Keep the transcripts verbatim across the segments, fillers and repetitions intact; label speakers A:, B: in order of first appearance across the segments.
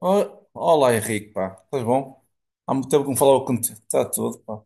A: Oh, olá Henrique, pá, estás bom? Há muito tempo que não falava contigo, está tudo, pá.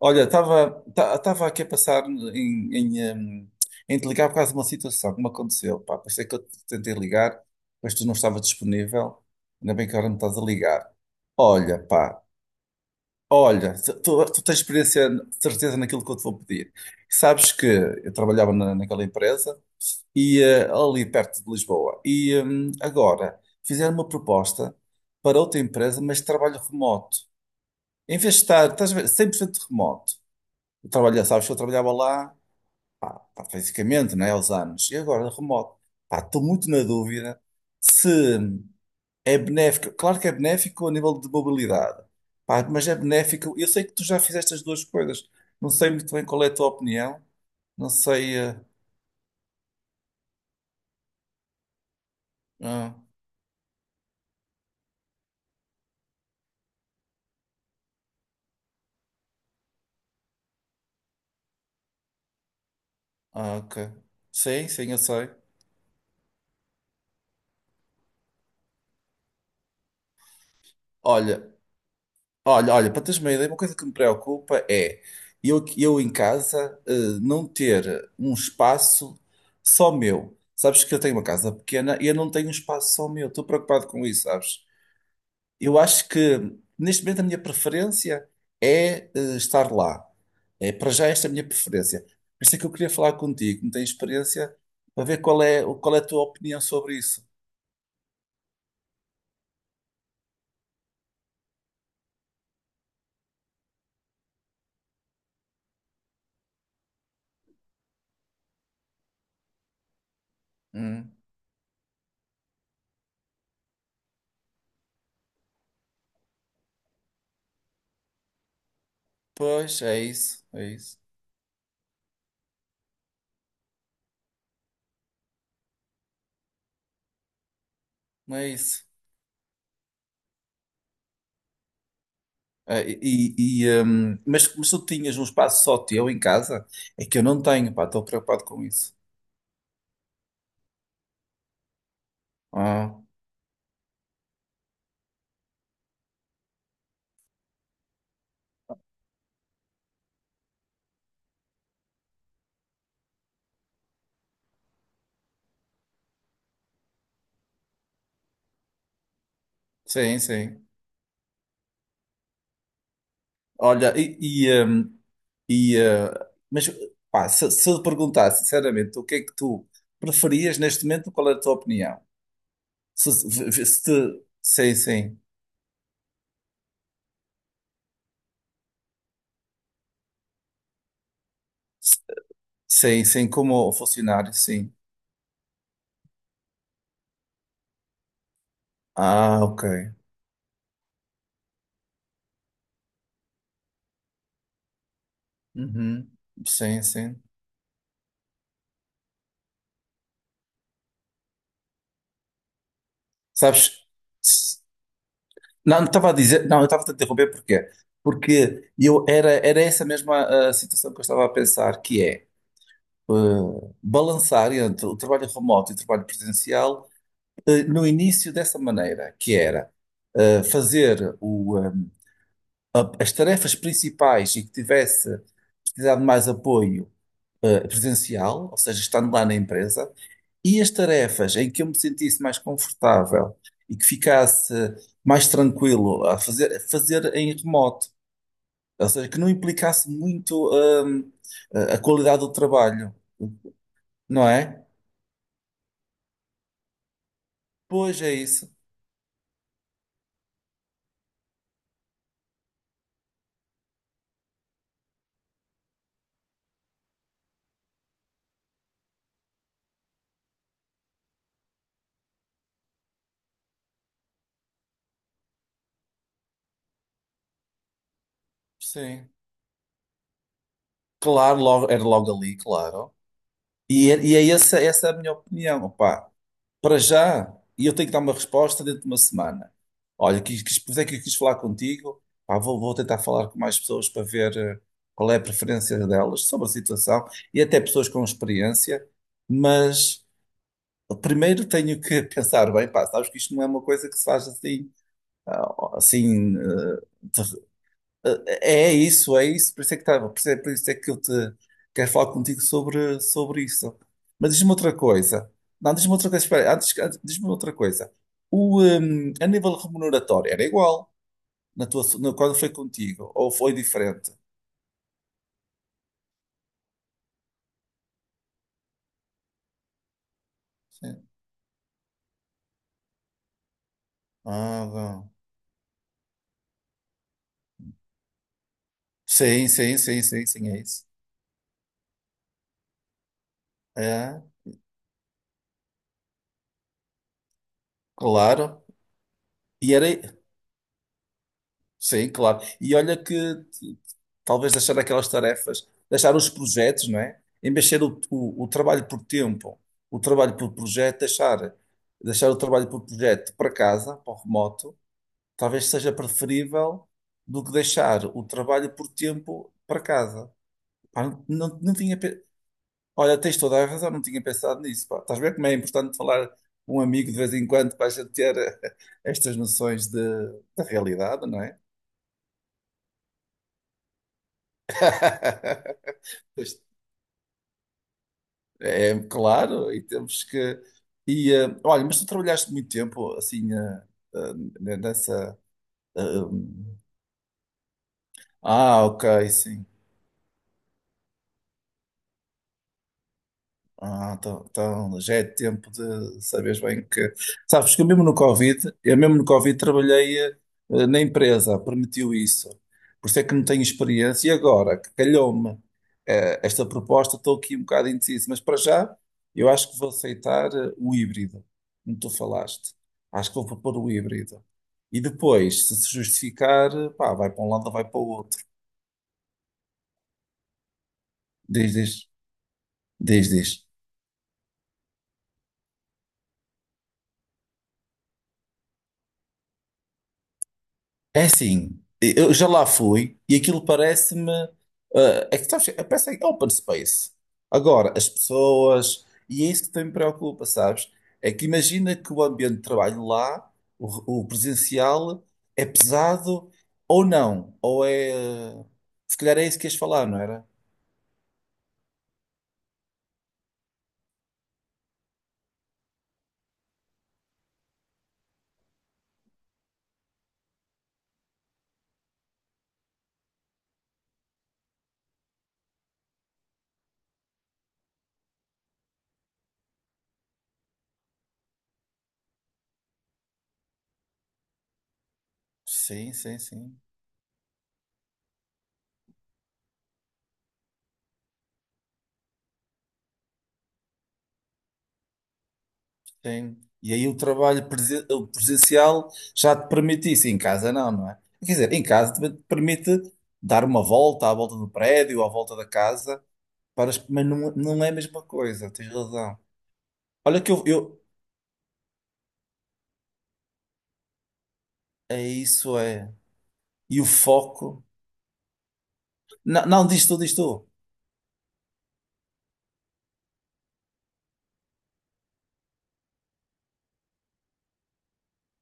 A: Olha, estava tá- estava aqui a pensar em, em, hum, em te ligar por causa de uma situação que me aconteceu, pá. Pensei que eu te tentei ligar, mas tu não estava disponível, ainda bem que agora me estás a ligar. Olha, pá, olha, tu, tu- tu tens experiência, certeza naquilo que eu te vou pedir. Sabes que eu trabalhava na, naquela empresa e, eh, ali perto de Lisboa. E hum, agora fizeram uma proposta para outra empresa, mas de trabalho remoto. Em vez de estar, estás a ver, cem por cento remoto. Eu trabalho, sabes que eu trabalhava lá, pá, pá, fisicamente, não é, aos anos. E agora remoto. Pá, estou muito na dúvida se é benéfico. Claro que é benéfico a nível de mobilidade. Pá, mas é benéfico. Eu sei que tu já fizeste as duas coisas. Não sei muito bem qual é a tua opinião. Não sei. eh, ah, Ah, ok. Sim, sim, eu sei. Olha, olha, olha, para teres uma ideia, uma coisa que me preocupa é eu, eu em casa eh, não ter um espaço só meu. Sabes que eu tenho uma casa pequena e eu não tenho um espaço só meu. Estou preocupado com isso, sabes? Eu acho que neste momento a minha preferência é eh, estar lá. É, para já esta é a minha preferência. Por isso é que eu queria falar contigo, me tens experiência, para ver qual é, qual é a tua opinião sobre isso. Hum, pois, é isso, é isso. Não é isso. Ah, e, e, hum, mas, mas tu tinhas um espaço só teu em casa? É que eu não tenho, pá, estou preocupado com isso. Ah, sim, sim. Olha, e, e, hum, e, ah, mas pá, se, se eu te perguntasse sinceramente o que é que tu preferias neste momento, qual é a tua opinião? Se, se, se te- sim, sim, sim, sim, como funcionário, sim. Ah, ok. Uhum. Sim, sim. Sabes? Não, não estava a dizer, não, eu estava a te interromper porquê? Porque eu era, era essa mesma ah, situação que eu estava a pensar, que é ah, balançar entre o trabalho remoto e o trabalho presencial ah, no início dessa maneira, que era ah, fazer o, ah, a- as tarefas principais e que tivesse precisado de mais apoio ah, presencial, ou seja, estando lá na empresa, e as tarefas em que eu me sentisse mais confortável e que ficasse mais tranquilo a fazer, fazer em remoto. Ou seja, que não implicasse muito, hum, a a qualidade do trabalho, não é? Pois é isso. Sim. Claro, logo, era logo ali, claro. E é, e é essa, essa é a minha opinião. Opá, para já, e eu tenho que dar uma resposta dentro de uma semana. Olha, quis, quis, por isso é que eu quis falar contigo. Pá, vou, vou tentar falar com mais pessoas para ver eh, qual é a preferência delas sobre a situação e até pessoas com experiência. Mas primeiro tenho que pensar bem, pá, sabes que isto não é uma coisa que se faz assim. Ah, assim, eh, te- eh, é isso, é isso, por isso é que estava, por isso é, por isso é que eu te quero falar contigo sobre, sobre isso. Mas diz-me outra coisa. Não, diz-me outra coisa, espera, antes, antes- diz-me outra coisa. O, hum, a nível remuneratório era igual na tua, no- quando foi contigo, ou foi diferente? Sim. Ah, bom. Sim, sim, sim, sim, sim, é isso. É, claro. E era. Sim, claro. E olha que t- talvez deixar aquelas tarefas, deixar os projetos, não é? Em vez de ser o, o, o trabalho por tempo, o trabalho por projeto, deixar, deixar o trabalho por projeto para casa, para o remoto, talvez seja preferível do que deixar o trabalho por tempo para casa. Pá, não, não, não tinha. pe- Olha, tens toda a razão, não tinha pensado nisso. Pá. Estás a ver como é importante falar com um amigo de vez em quando para a gente ter eh, estas noções de, da realidade, não é? Pois, é é claro, e temos que. E, eh, olha, mas tu trabalhaste muito tempo assim eh, eh, nessa. eh, hum, ah, ok, sim. Ah, então, então já é tempo de saberes bem que. Sabes que eu mesmo no Covid, eu mesmo no Covid trabalhei eh, na empresa, permitiu isso. Por isso é que não tenho experiência. E agora, que calhou-me eh, esta proposta, estou aqui um bocado indeciso, mas para já eu acho que vou aceitar eh, o híbrido, como tu falaste. Acho que vou propor o híbrido. E depois, se se justificar, eh, pá, vai para um lado ou vai para o outro. Diz, diz, diz, diz. É assim, eu já lá fui e aquilo parece-me. Eh, é que sabes, que- parece que é open space. Agora, as pessoas. E é isso que também me preocupa, sabes? É que imagina que o ambiente de trabalho lá, o, o presencial, é pesado ou não. Ou é. eh, Se calhar é isso que ias falar, não era? Sim, sim, sim. Sim. E aí o trabalho presen- o presencial já te permite isso, em casa não, não é? Quer dizer, em casa também te permite dar uma volta à volta do prédio, à volta da casa, para, as- mas não, não é a mesma coisa, tens razão. Olha que eu, eu... É isso, é. E o foco... Não, não, diz tu, diz tu.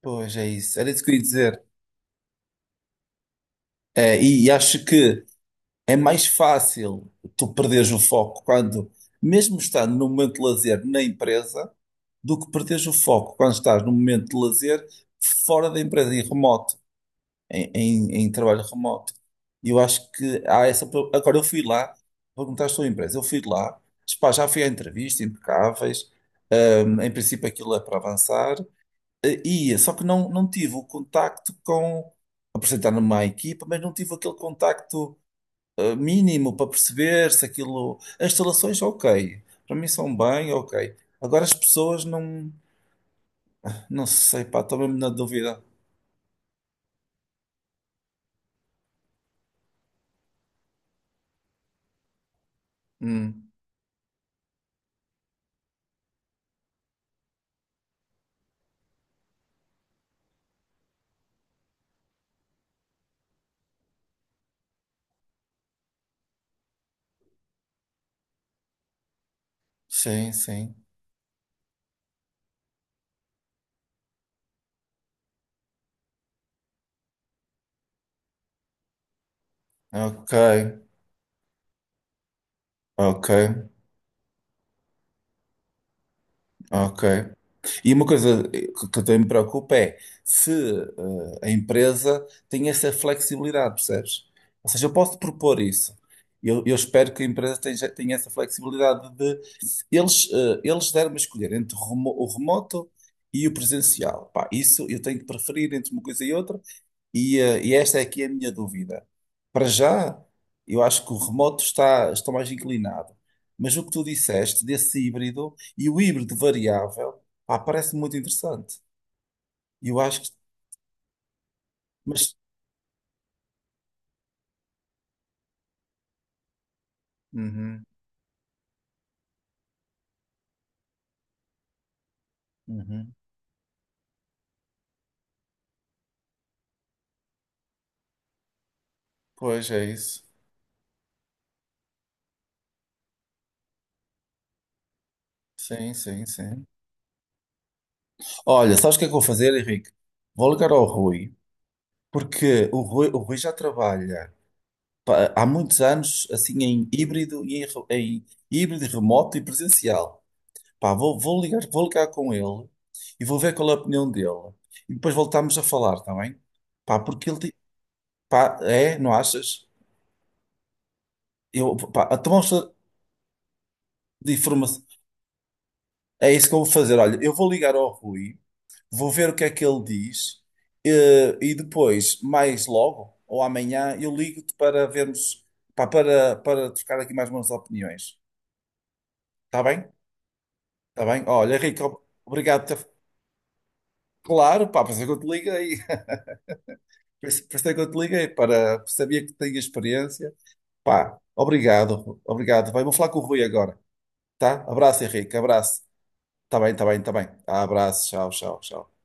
A: Pois, é isso. Era isso que eu ia dizer. É, e, e acho que é mais fácil tu perderes o foco quando, mesmo estando no momento de lazer na empresa, do que perderes o foco quando estás num momento de lazer fora da empresa, em remoto, em, em, em trabalho remoto. E eu acho que há essa. pro- Agora, eu fui lá, perguntaste à sua empresa, eu fui lá, pá, já fui à entrevista, impecáveis, hum, em princípio aquilo é para avançar, eh, e ia, só que não, não tive o contacto com. Apresentar-me à equipa, mas não tive aquele contacto. eh, Mínimo para perceber se aquilo. As instalações, ok. Para mim são bem, ok. Agora as pessoas não. Não sei, pá, estou mesmo na dúvida. Hum, sim, sim. Ok, ok, ok. E uma coisa que que também me preocupa é se eh, a empresa tem essa flexibilidade, percebes? Ou seja, eu posso propor isso. Eu, eu espero que a empresa tenha, tenha essa flexibilidade de eles, eh, eles deram-me a escolher entre o remo- o remoto e o presencial. Pá, isso eu tenho que preferir entre uma coisa e outra. E, eh, e esta é aqui a minha dúvida. Para já, eu acho que o remoto está, está mais inclinado. Mas o que tu disseste desse híbrido e o híbrido variável, pá, parece muito interessante. Eu acho que. Mas. Uhum, uhum. Pois é isso. Sim, sim, sim. Olha, sabes o que é que eu vou fazer, Henrique? Vou ligar ao Rui, porque o Rui, o Rui já trabalha pá, há muitos anos assim em híbrido e em, re- em híbrido remoto e presencial. Pá, vou, vou ligar, vou ligar com ele e vou ver qual é a opinião dele. E depois voltamos a falar, está bem? Pá, porque ele, ti- pá, é, não achas? Eu, pá, a tomar de informação, é isso que eu vou fazer. Olha, eu vou ligar ao Rui, vou ver o que é que ele diz eh, e, depois, mais logo ou amanhã, eu ligo-te para vermos, pá, para, para trocar aqui mais umas opiniões. Está bem? Está bem? Olha, Rico, obrigado por ter... Claro, pá, pensei que eu te liguei. Por isso por isso é que eu te liguei, para sabia que tinha experiência. Pá, obrigado, obrigado. Vai, vou falar com o Rui agora, tá? Abraço, Henrique, abraço. Tá bem, tá bem, tá bem. Abraço, tchau, tchau, tchau.